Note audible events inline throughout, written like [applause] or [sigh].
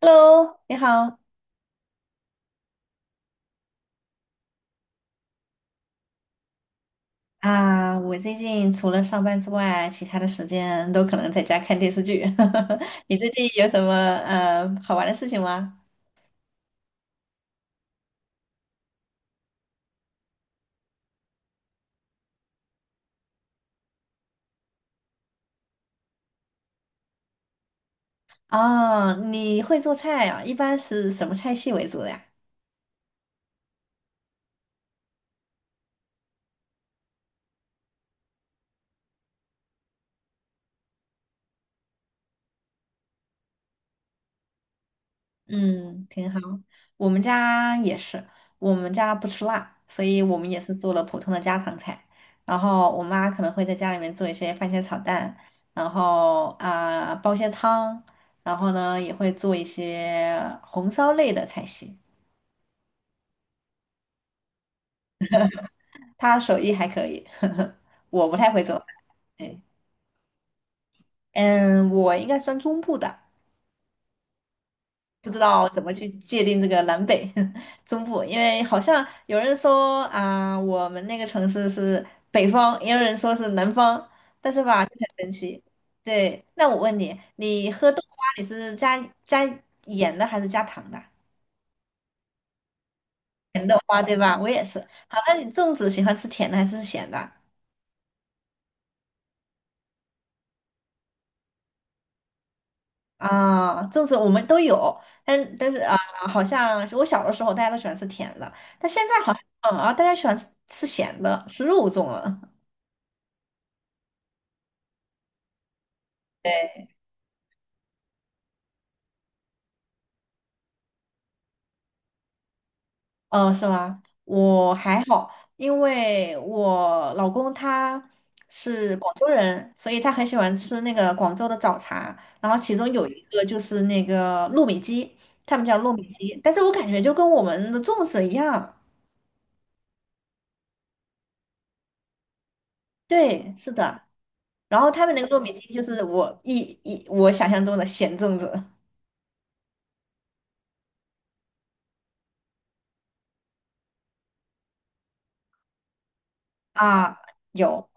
Hello，你好。啊，我最近除了上班之外，其他的时间都可能在家看电视剧。[laughs] 你最近有什么好玩的事情吗？啊，你会做菜啊？一般是什么菜系为主的呀？嗯，挺好。我们家也是，我们家不吃辣，所以我们也是做了普通的家常菜。然后我妈可能会在家里面做一些番茄炒蛋，然后啊、煲些汤，然后呢也会做一些红烧类的菜系。她手艺还可以，[laughs] 我不太会做饭。对，嗯，我应该算中部的。不知道怎么去界定这个南北 [laughs] 中部，因为好像有人说啊、我们那个城市是北方，也有人说是南方，但是吧，就很神奇。对，那我问你，你喝豆花你是加盐的还是加糖的？甜豆花对吧？我也是。好，那你粽子喜欢吃甜的还是咸的？啊，粽子我们都有，但是啊、好像是我小的时候大家都喜欢吃甜的，但现在好像啊，大家喜欢吃咸的，吃肉粽了。[laughs] 对。是吗？我还好，因为我老公他是广州人，所以他很喜欢吃那个广州的早茶。然后其中有一个就是那个糯米鸡，他们叫糯米鸡，但是我感觉就跟我们的粽子一样。对，是的。然后他们那个糯米鸡就是我我想象中的咸粽子啊，有。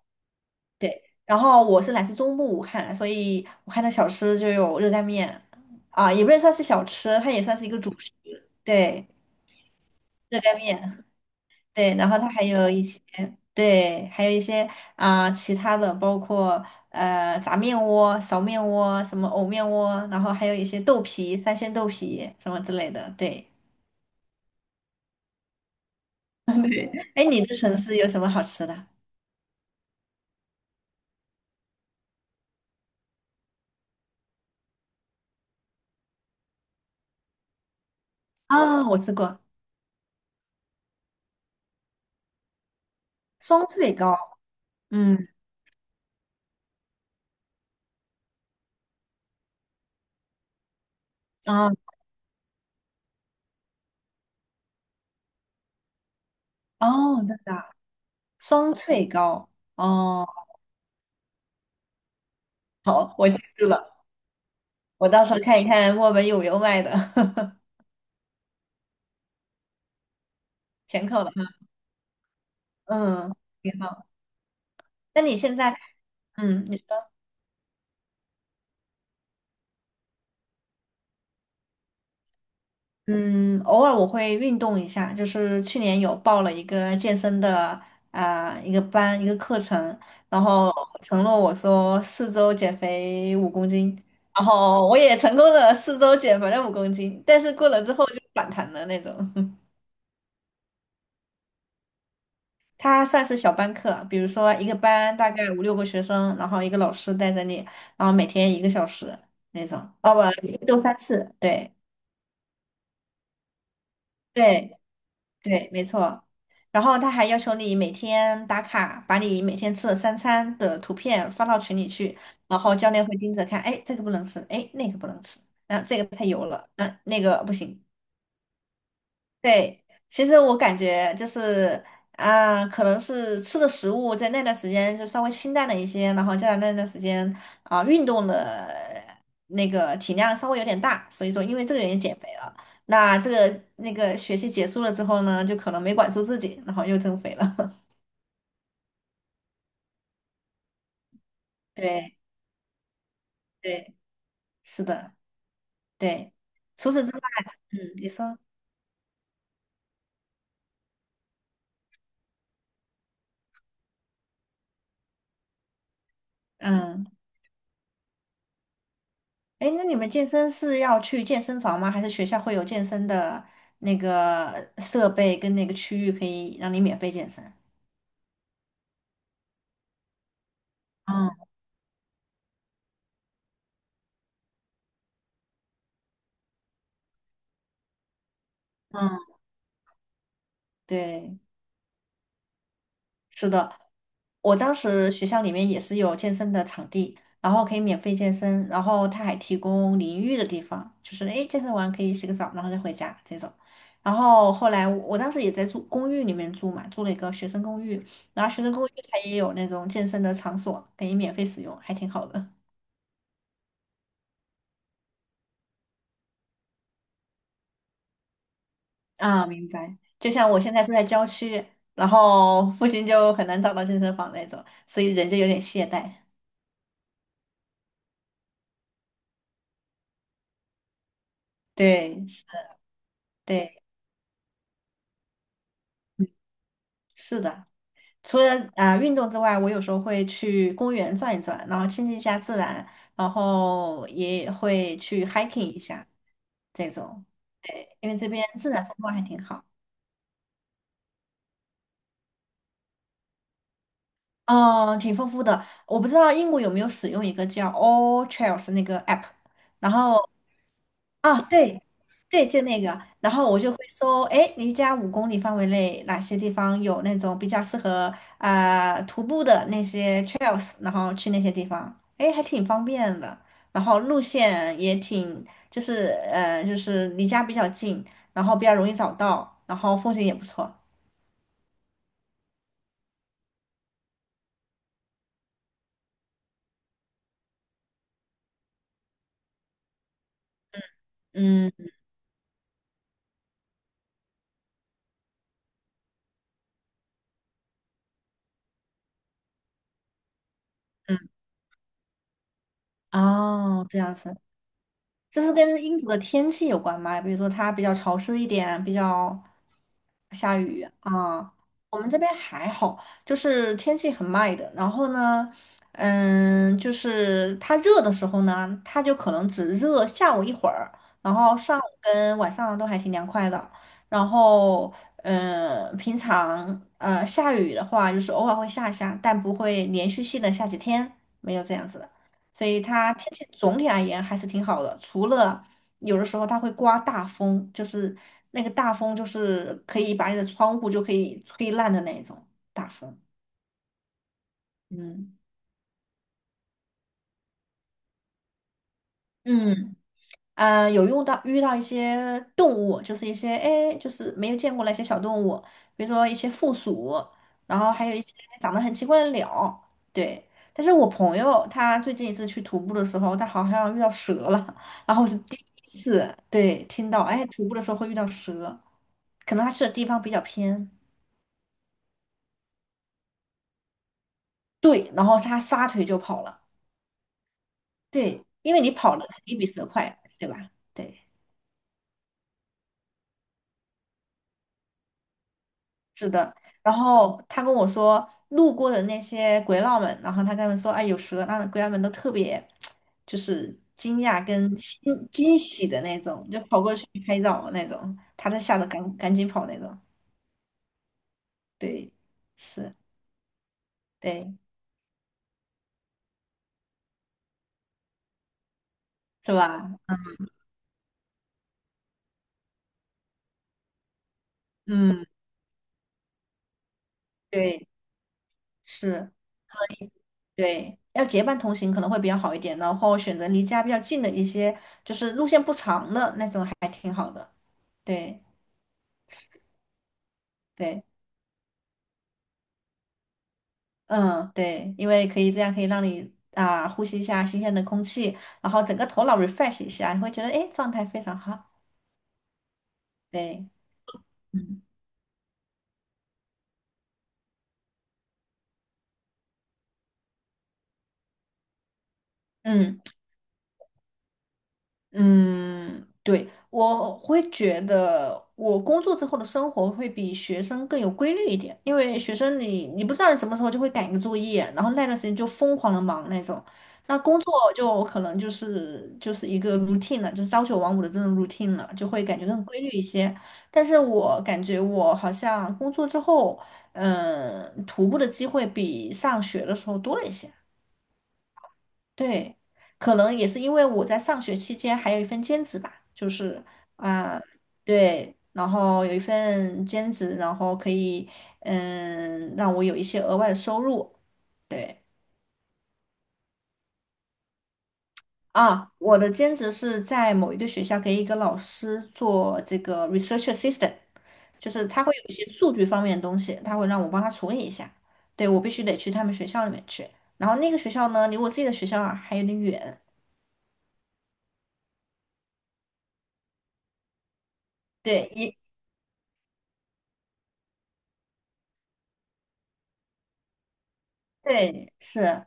对，然后我是来自中部武汉，所以武汉的小吃就有热干面，啊，也不能算是小吃，它也算是一个主食。对，热干面，对，然后它还有一些，对，还有一些啊、其他的，包括炸面窝、苕面窝、什么藕面窝，然后还有一些豆皮、三鲜豆皮什么之类的。对，[laughs] 对，哎，你的城市有什么好吃的？啊，我吃过双脆糕，嗯，啊，哦，真的。双脆糕。哦，好，我记住了，我到时候看一看墨尔本有没有卖的 [laughs] 甜口的。嗯，挺好。那你现在，嗯，你说，嗯，偶尔我会运动一下，就是去年有报了一个健身的啊、一个班一个课程，然后承诺我说四周减肥五公斤，然后我也成功的四周减肥了五公斤，但是过了之后就反弹了那种。他算是小班课啊，比如说一个班大概五六个学生，然后一个老师带着你，然后每天一个小时那种，哦不，一周三次，对对对，没错。然后他还要求你每天打卡，把你每天吃的三餐的图片发到群里去，然后教练会盯着看，哎，这个不能吃，哎，那个不能吃，啊，这个太油了，嗯、那个不行。对，其实我感觉就是啊、可能是吃的食物在那段时间就稍微清淡了一些，然后加上那段时间啊、运动的那个体量稍微有点大，所以说因为这个原因减肥了。那这个那个学期结束了之后呢，就可能没管住自己，然后又增肥了。[laughs] 对对，是的，对。除此之外，嗯，你说，嗯。哎，那你们健身是要去健身房吗？还是学校会有健身的那个设备跟那个区域可以让你免费健身？嗯嗯对，是的，我当时学校里面也是有健身的场地，然后可以免费健身，然后他还提供淋浴的地方，就是诶，健身完可以洗个澡，然后再回家这种。然后后来我当时也在住公寓里面住嘛，住了一个学生公寓，然后学生公寓它也有那种健身的场所可以免费使用，还挺好的。啊，明白。就像我现在住在郊区，然后附近就很难找到健身房那种，所以人就有点懈怠。对，是对，嗯是的。除了啊、运动之外，我有时候会去公园转一转，然后亲近一下自然，然后也会去 hiking 一下这种，因为这边自然风光还挺好。嗯，挺丰富的。我不知道英国有没有使用一个叫 All Trails 那个 app，然后啊，对，对，就那个，然后我就会搜，哎，离家5公里范围内哪些地方有那种比较适合啊、徒步的那些 trails，然后去那些地方，哎，还挺方便的，然后路线也挺，就是离家比较近，然后比较容易找到，然后风景也不错，嗯嗯，哦，这样子。这是跟英国的天气有关吗？比如说它比较潮湿一点，比较下雨啊。我们这边还好，就是天气很 m 的。然后呢，嗯，就是它热的时候呢，它就可能只热下午一会儿，然后上午跟晚上都还挺凉快的。然后，嗯，平常下雨的话，就是偶尔会下一下，但不会连续性的下几天，没有这样子的。所以它天气总体而言还是挺好的，除了有的时候它会刮大风，就是那个大风就是可以把你的窗户就可以吹烂的那种大风。嗯。嗯，嗯，有用到遇到一些动物，就是一些哎，就是没有见过那些小动物，比如说一些负鼠，然后还有一些长得很奇怪的鸟，对。但是我朋友他最近一次去徒步的时候，他好像遇到蛇了，然后我是第一次对听到，哎，徒步的时候会遇到蛇，可能他去的地方比较偏，对，然后他撒腿就跑了，对，因为你跑了你比蛇快，对吧？对。然后他跟我说，路过的那些鬼佬们，然后他跟他们说，哎，有蛇，那鬼佬们都特别就是惊讶跟惊喜的那种，就跑过去拍照那种，他就吓得赶紧跑那种。对，是，对，是吧？嗯，对，是，对。要结伴同行可能会比较好一点，然后选择离家比较近的一些，就是路线不长的那种还挺好的。对，对。嗯，对，因为可以这样可以让你啊呼吸一下新鲜的空气，然后整个头脑 refresh 一下，你会觉得哎状态非常好。对，嗯嗯。嗯，对，我会觉得我工作之后的生活会比学生更有规律一点，因为学生你不知道你什么时候就会赶个作业，然后那段时间就疯狂的忙那种。那工作就可能就是一个 routine 了，就是朝九晚五的这种 routine 了，就会感觉更规律一些。但是我感觉我好像工作之后，嗯，徒步的机会比上学的时候多了一些。对，可能也是因为我在上学期间还有一份兼职吧，就是啊、对，然后有一份兼职，然后可以嗯让我有一些额外的收入。对啊，我的兼职是在某一个学校给一个老师做这个 research assistant，就是他会有一些数据方面的东西，他会让我帮他处理一下。对，我必须得去他们学校里面去，然后那个学校呢离我自己的学校啊还有点远。对，也对，是，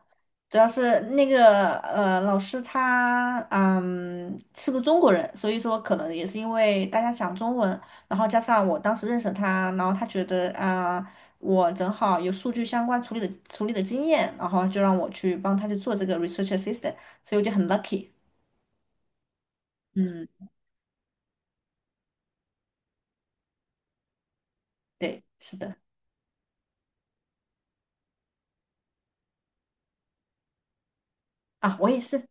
主要是那个老师他嗯是个中国人，所以说可能也是因为大家讲中文，然后加上我当时认识他，然后他觉得啊、我正好有数据相关处理的经验，然后就让我去帮他去做这个 research assistant，所以我就很 lucky。嗯，对，是的，啊，我也是。